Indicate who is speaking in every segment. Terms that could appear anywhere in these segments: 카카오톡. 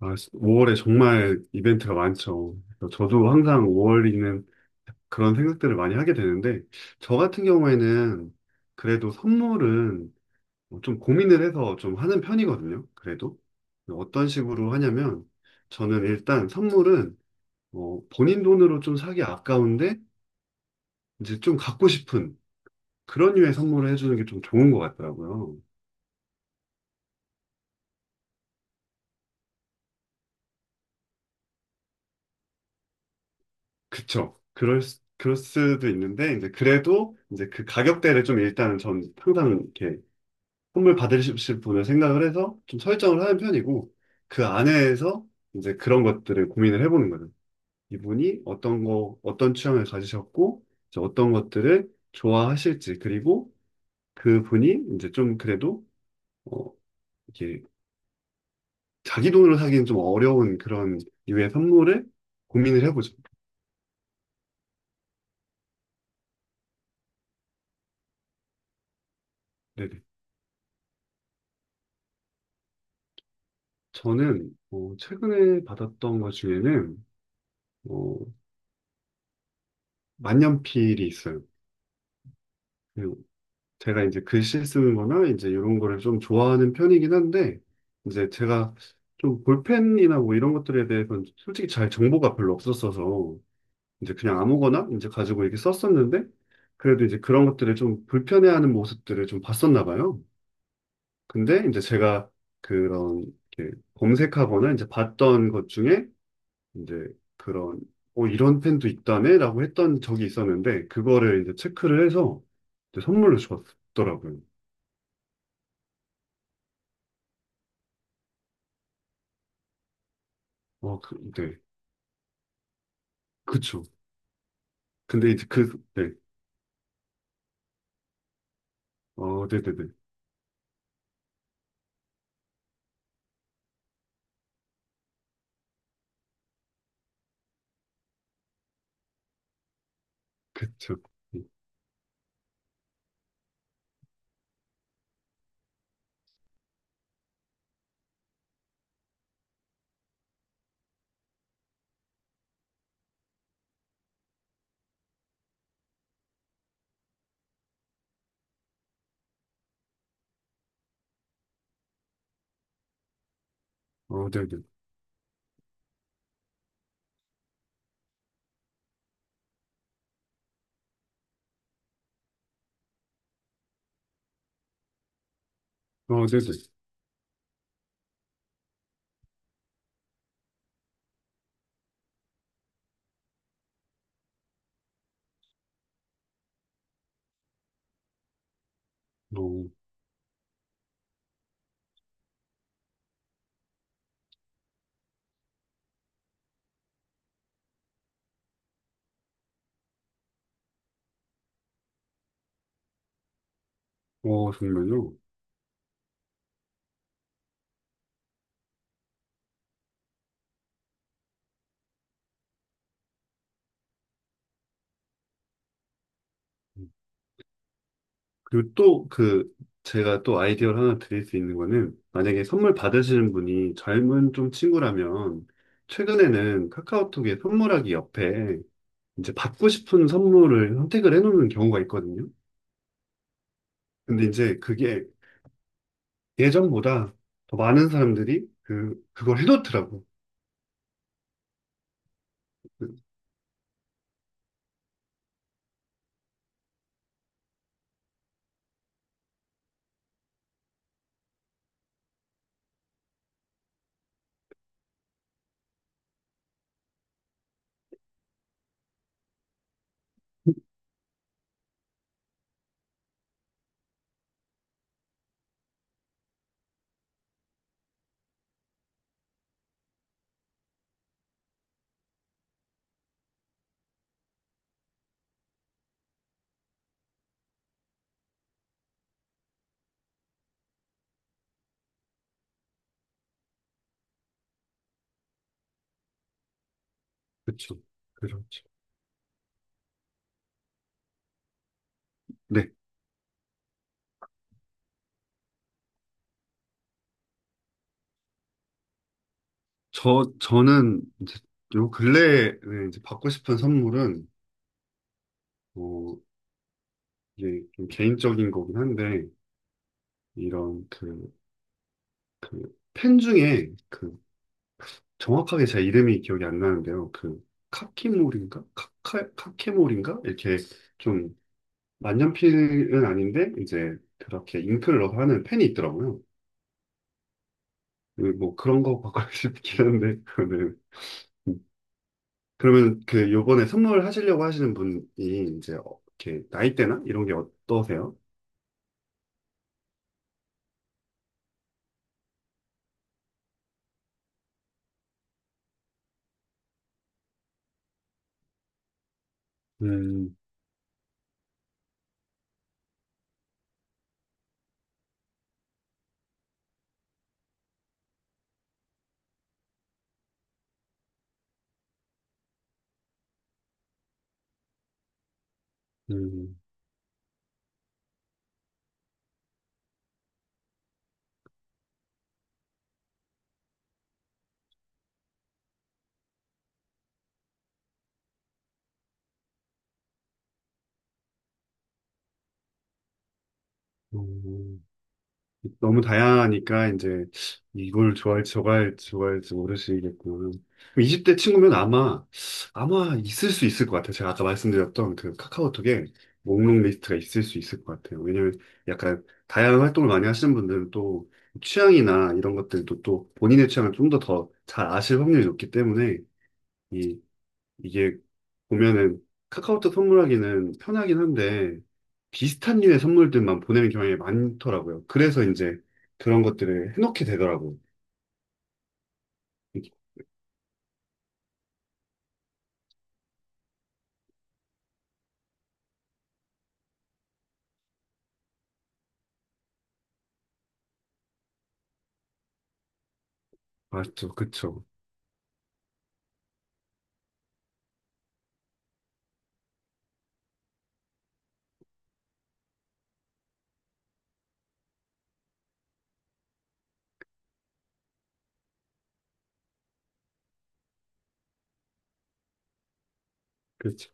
Speaker 1: 아, 5월에 정말 이벤트가 많죠. 저도 항상 5월에는 그런 생각들을 많이 하게 되는데, 저 같은 경우에는 그래도 선물은 뭐 좀 고민을 해서 좀 하는 편이거든요. 그래도. 어떤 식으로 하냐면, 저는 일단 선물은 본인 돈으로 좀 사기 아까운데, 이제 좀 갖고 싶은 그런 류의 선물을 해주는 게 좀 좋은 것 같더라고요. 그쵸. 그럴 수도 있는데, 이제 그래도 이제 그 가격대를 좀 일단은 전 항상 이렇게 선물 받으실 분을 생각을 해서 좀 설정을 하는 편이고, 그 안에서 이제 그런 것들을 고민을 해보는 거죠. 이분이 어떤 거, 어떤 취향을 가지셨고, 이제 어떤 것들을 좋아하실지, 그리고 그분이 이제 좀 그래도, 어, 이렇게 자기 돈으로 사기는 좀 어려운 그런 류의 선물을 고민을 해보죠. 네네. 저는, 최근에 받았던 것 중에는, 어, 만년필이 있어요. 제가 이제 글씨 쓰는 거나 이제 이런 거를 좀 좋아하는 편이긴 한데, 이제 제가 좀 볼펜이나 뭐 이런 것들에 대해서는 솔직히 잘 정보가 별로 없었어서, 이제 그냥 아무거나 이제 가지고 이렇게 썼었는데, 그래도 이제 그런 것들을 좀 불편해하는 모습들을 좀 봤었나 봐요. 근데 이제 제가 그런 이렇게 검색하거나 이제 봤던 것 중에 이제 그런, 이런 펜도 있다네? 라고 했던 적이 있었는데, 그거를 이제 체크를 해서 이제 선물로 줬더라고요. 네. 그쵸. 근데 이제 네. 네네네. 그쵸. 네네. 네네. 어, 정말요. 그리고 또 제가 또 아이디어를 하나 드릴 수 있는 거는, 만약에 선물 받으시는 분이 젊은 좀 친구라면, 최근에는 카카오톡에 선물하기 옆에, 이제 받고 싶은 선물을 선택을 해놓는 경우가 있거든요. 근데 이제 그게 예전보다 더 많은 사람들이 그걸 해놓더라고. 그- 그쵸. 그렇죠. 네. 저는 이제 요 근래에 이제 받고 싶은 선물은, 어, 이게 좀 개인적인 거긴 한데, 이런 팬 중에 정확하게 제 이름이 기억이 안 나는데요. 카키몰인가? 카케몰인가? 이렇게 좀 만년필은 아닌데, 이제 그렇게 잉크를 넣어서 하는 펜이 있더라고요. 그뭐 그런 거 받고 싶긴 한데, 그거는. 그러면 그 요번에 선물하시려고 하시는 분이 이제 이렇게 나이대나 이런 게 어떠세요? 음, 음, 음, 너무 다양하니까 이제 이걸 좋아할지 저거 할지 저거 할지 모르시겠구나. 20대 친구면 아마 있을 수 있을 것 같아요. 제가 아까 말씀드렸던 그 카카오톡에 목록 리스트가 있을 수 있을 것 같아요. 왜냐면 약간 다양한 활동을 많이 하시는 분들은 또 취향이나 이런 것들도 또 본인의 취향을 좀 더 더 잘 아실 확률이 높기 때문에 이 이게 보면은 카카오톡 선물하기는 편하긴 한데 비슷한 류의 선물들만 보내는 경향이 많더라고요. 그래서 이제 그런 것들을 해놓게 되더라고요. 이게 맞죠, 그쵸, 그쵸.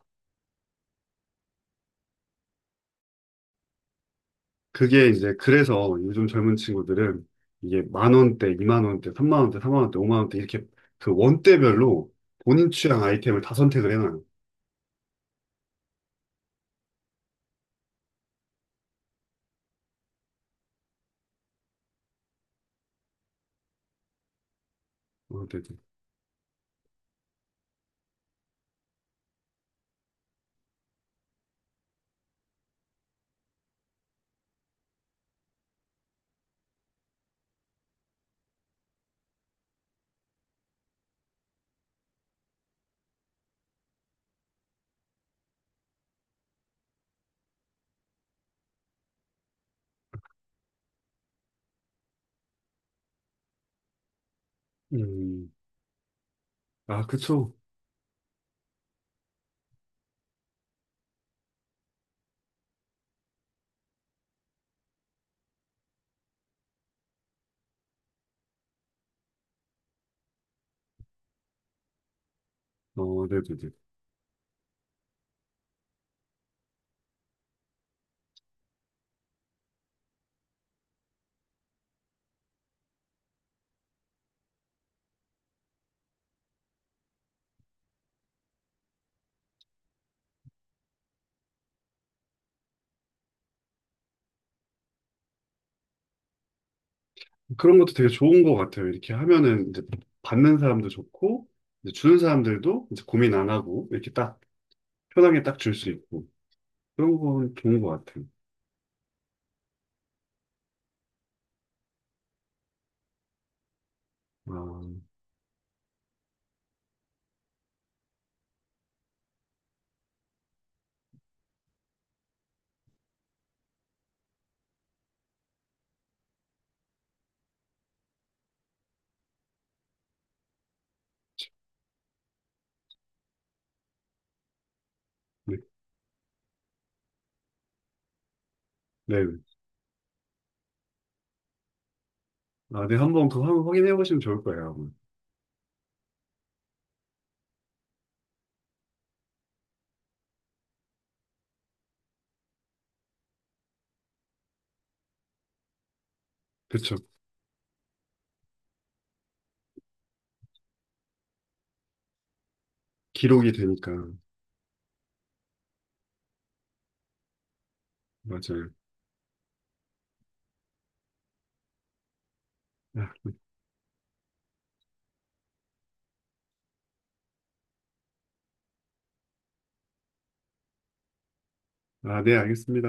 Speaker 1: 그게 이제 그래서 요즘 젊은 친구들은 이게 1만 원대, 2만 원대, 3만 원대, 4만 원대, 5만 원대 이렇게 그 원대별로 본인 취향 아이템을 다 선택을 해놔요. 네네. 음, 아, 그쵸. 네네네. 그런 것도 되게 좋은 것 같아요. 이렇게 하면은 이제 받는 사람도 좋고, 이제 주는 사람들도 이제 고민 안 하고, 이렇게 딱 편하게 딱 줄 수 있고, 그런 건 좋은 것 같아요. 아, 네. 네. 아, 네. 한번 그거 한번 확인해 보시면 좋을 거예요. 그렇 그쵸. 기록이 되니까. 맞아요. 아, 네. 아, 네. 알겠습니다.